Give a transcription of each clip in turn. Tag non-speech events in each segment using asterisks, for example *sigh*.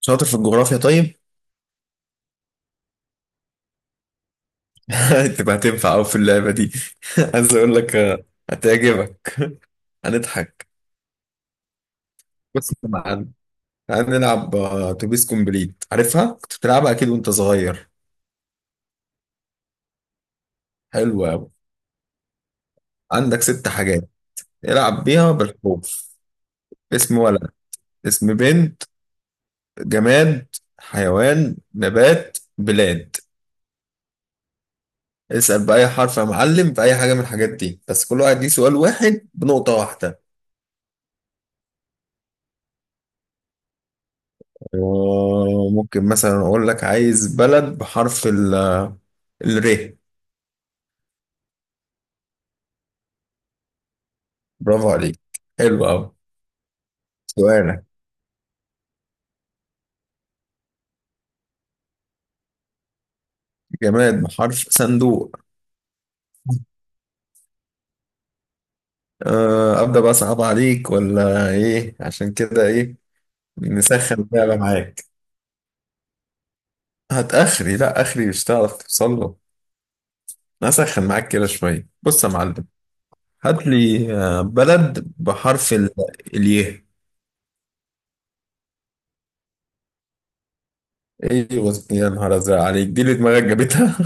شاطر في الجغرافيا، طيب. *laughs* تبقى هتنفع أوي في اللعبة دي. *laughs* عايز أقول لك هتعجبك. *laughs* هنضحك بس معانا. هنلعب أتوبيس كومبليت، عارفها؟ كنت بتلعبها أكيد وأنت صغير. حلوة أوي. عندك ست حاجات، العب بيها بالحروف: اسم ولد، اسم بنت، جماد، حيوان، نبات، بلاد. اسأل بأي حرف يا معلم في أي حاجة من الحاجات دي، بس كل واحد ليه سؤال واحد بنقطة واحدة. وممكن مثلا اقول لك عايز بلد بحرف ال، الر. برافو عليك، حلو قوي. سؤالك. جماد بحرف صندوق. أه ابدا بقى، صعب عليك ولا ايه؟ عشان كده ايه، نسخن بقى معاك. هتاخري؟ لا اخري مش هتعرف توصل له. نسخن معاك كده شويه، بص يا معلم. هات لي بلد بحرف الياء. ايوه، يا نهار ازرق عليك، دي اللي دماغك جابتها.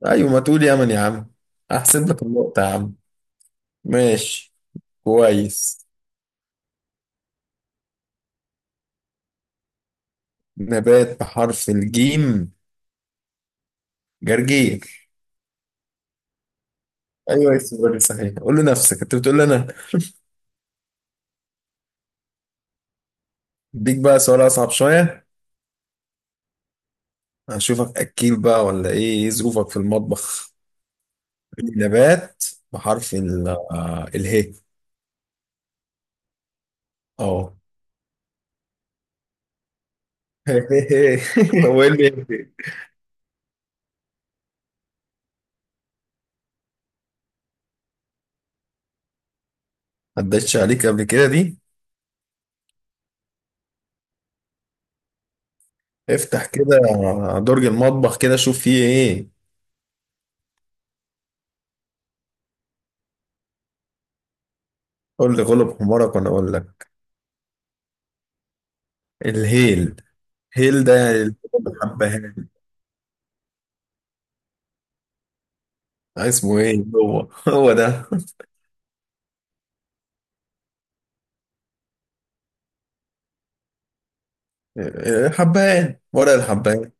*laughs* ايوه، ما تقول يمن يا عم. احسب لك النقطه يا عم. ماشي، كويس. نبات بحرف الجيم. جرجير. ايوه اسمه جرجير صحيح، قول لنفسك انت بتقول لي انا. اديك بقى سؤال اصعب شويه. هشوفك اكيل بقى ولا ايه، ايه ظروفك في المطبخ. نبات بحرف ال آه، اله. اه. *laughs* هو ايه اللي، عدتش عليك قبل كده دي؟ افتح كده درج المطبخ كده، شوف فيه ايه. قول لي غلب حمارك وانا اقول لك. الهيل. هيل ده يعني الحبهان. اسمه ايه هو؟ هو ده. *laughs* حبان، ورق الحبان.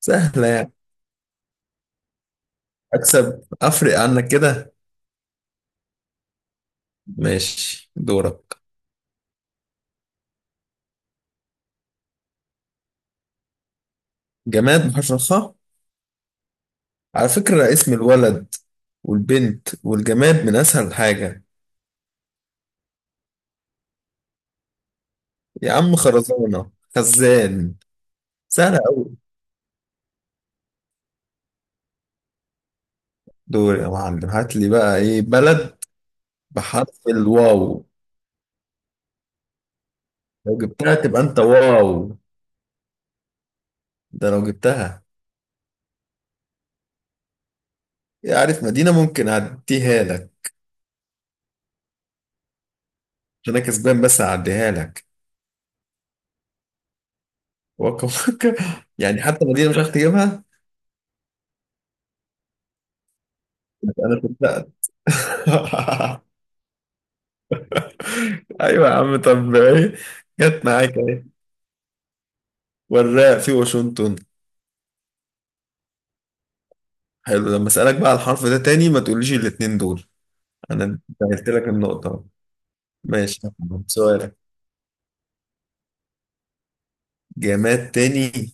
سهلة يعني. اكسب افرق عنك كده. ماشي دورك. جماد بحرف الخاء. على فكرة اسم الولد والبنت والجماد من اسهل حاجة. يا عم خرزانة، خزان. سهلة أوي. دور يا معلم، هات لي بقى ايه، بلد بحرف الواو. لو جبتها تبقى انت واو. ده لو جبتها. إيه، عارف؟ مدينة ممكن اعديها لك، عشان انا كسبان، بس اعديها لك. وكا وكا، يعني حتى مدينة مش عارف تجيبها. انا صدقت. *laughs* ايوه يا عم، طب ايه؟ جت معاك اهي. والراء في واشنطن. حلو، لما اسالك بقى على الحرف ده تاني ما تقوليش الاتنين دول. انا سهلت لك النقطة. ماشي، سؤالك. جماد تاني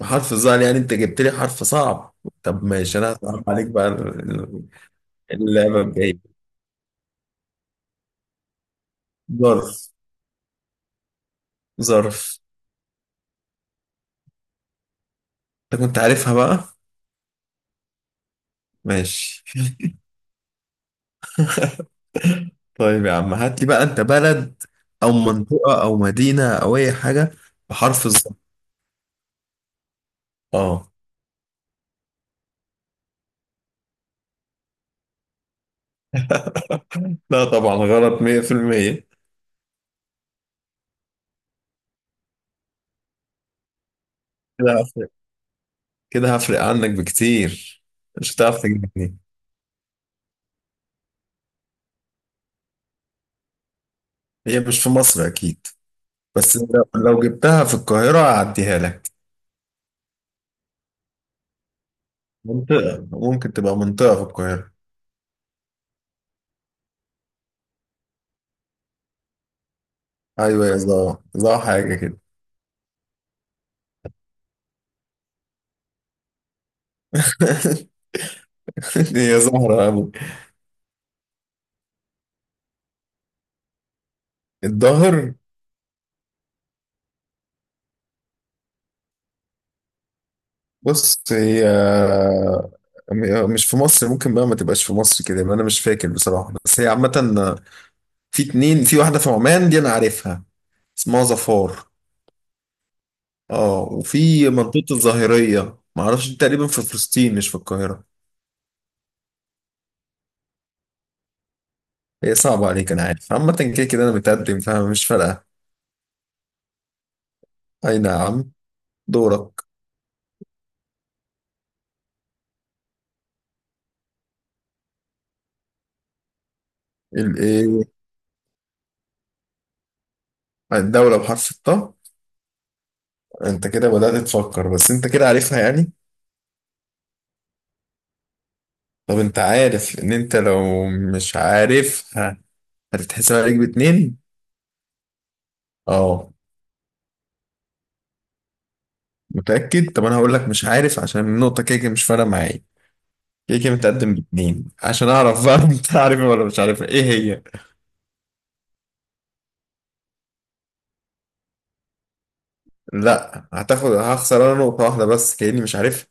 بحرف الظهر، يعني انت جبت لي حرف صعب. طب ماشي، انا هصعب عليك بقى اللعبة الجاية. ظرف. ظرف. انت كنت عارفها بقى؟ ماشي. طيب يا عم، هات لي بقى انت بلد او منطقة او مدينة او اي حاجة بحرف الظا. اه. *laughs* لا طبعا غلط 100%. كده هفرق، كده هفرق عنك بكتير، مش هتعرف تجيبني. هي مش في مصر اكيد، بس لو لو جبتها في القاهرة هعديها لك. منطقة، ممكن تبقى منطقة في القاهرة. ايوه، يا زهرة، زهرة حاجة كده. *laughs* هي زهرة أوي. الظهر. بص، هي مش في مصر، ممكن بقى ما تبقاش في مصر، كده يبقى انا مش فاكر بصراحة، بس هي عامة في اتنين. في واحدة في عمان دي انا عارفها، اسمها ظفار. اه، وفي منطقة الظاهرية ما اعرفش، دي تقريبا في فلسطين مش في القاهرة. هي صعبة عليك، انا عارف، عامة كده كده انا متقدم فمش فارقة. اي نعم، دورك. الايه؟ الدولة بحرف الطاء. انت كده بدأت تفكر، بس انت كده عارفها يعني. طب انت عارف ان انت لو مش عارف هتتحسب عليك باتنين. اه. متأكد؟ طب انا هقول لك مش عارف، عشان النقطة كده كده مش فارقة معايا، كده كده متقدم باتنين، عشان اعرف بقى *laughs* انت عارفها ولا مش عارفها، ايه هي. لا، هتاخد، هخسر انا نقطة واحدة بس كأني مش عارفها.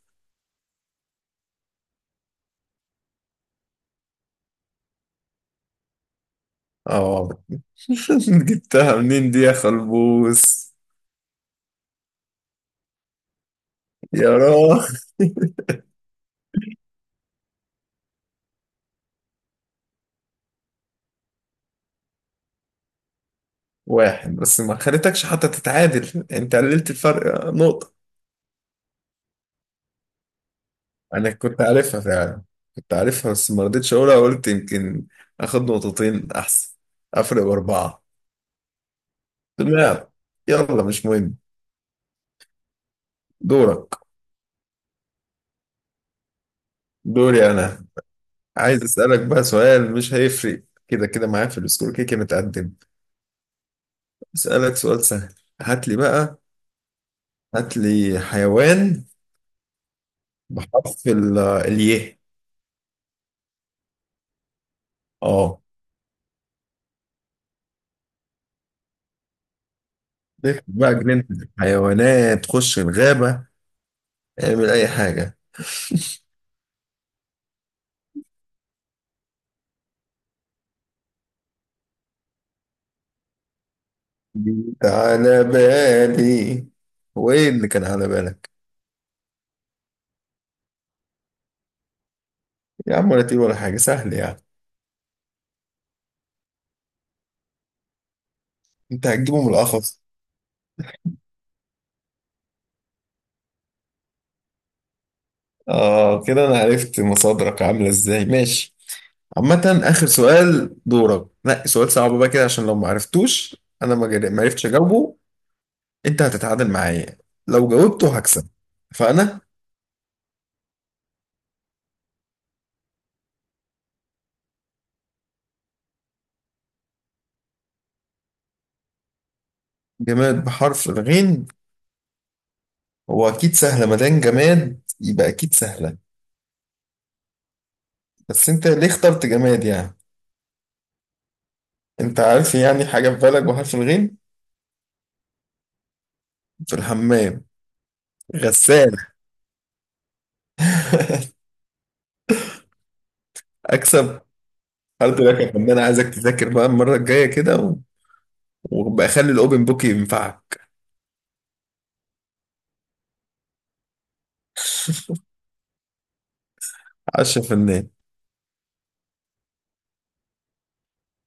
اه. *laughs* جبتها منين دي يا خلبوس؟ يا راجل. *laughs* واحد بس، ما خليتكش حتى تتعادل، انت قللت الفرق نقطة. انا كنت عارفها فعلا، كنت عارفها بس ما رضيتش اقولها، قلت يمكن اخد نقطتين احسن، افرق باربعة. لا، يلا مش مهم. دورك. دوري انا. عايز اسالك بقى سؤال مش هيفرق كده كده معايا في السكور، كده كده متقدم. اسالك سؤال سهل. هات لي بقى، هات لي حيوان بحرف الياء. اه. دخل بقى جنينة الحيوانات، خش الغابة، اعمل اي حاجة. جيت على بالي. هو ايه اللي كان على بالك؟ يا عم ولا تقيل ولا حاجة، سهل يعني. انت هتجيبه من القفص. اه، كده انا عرفت مصادرك عامله ازاي. ماشي. عامة اخر سؤال، دورك، نقي سؤال صعب بقى كده، عشان لو ما عرفتوش، انا ما عرفتش اجاوبه، انت هتتعادل معايا، لو جاوبته هكسب، فانا. جماد بحرف الغين. هو اكيد سهله، ما دام جماد يبقى اكيد سهله. بس انت ليه اخترت جماد يعني؟ انت عارف يعني حاجه في بالك بحرف الغين. في الحمام. غسالة. *laughs* اكسب. هارد لك يا فنان، عايزك تذاكر بقى المره الجايه كده، وبخلي الاوبن بوك ينفعك. *laughs* 10%.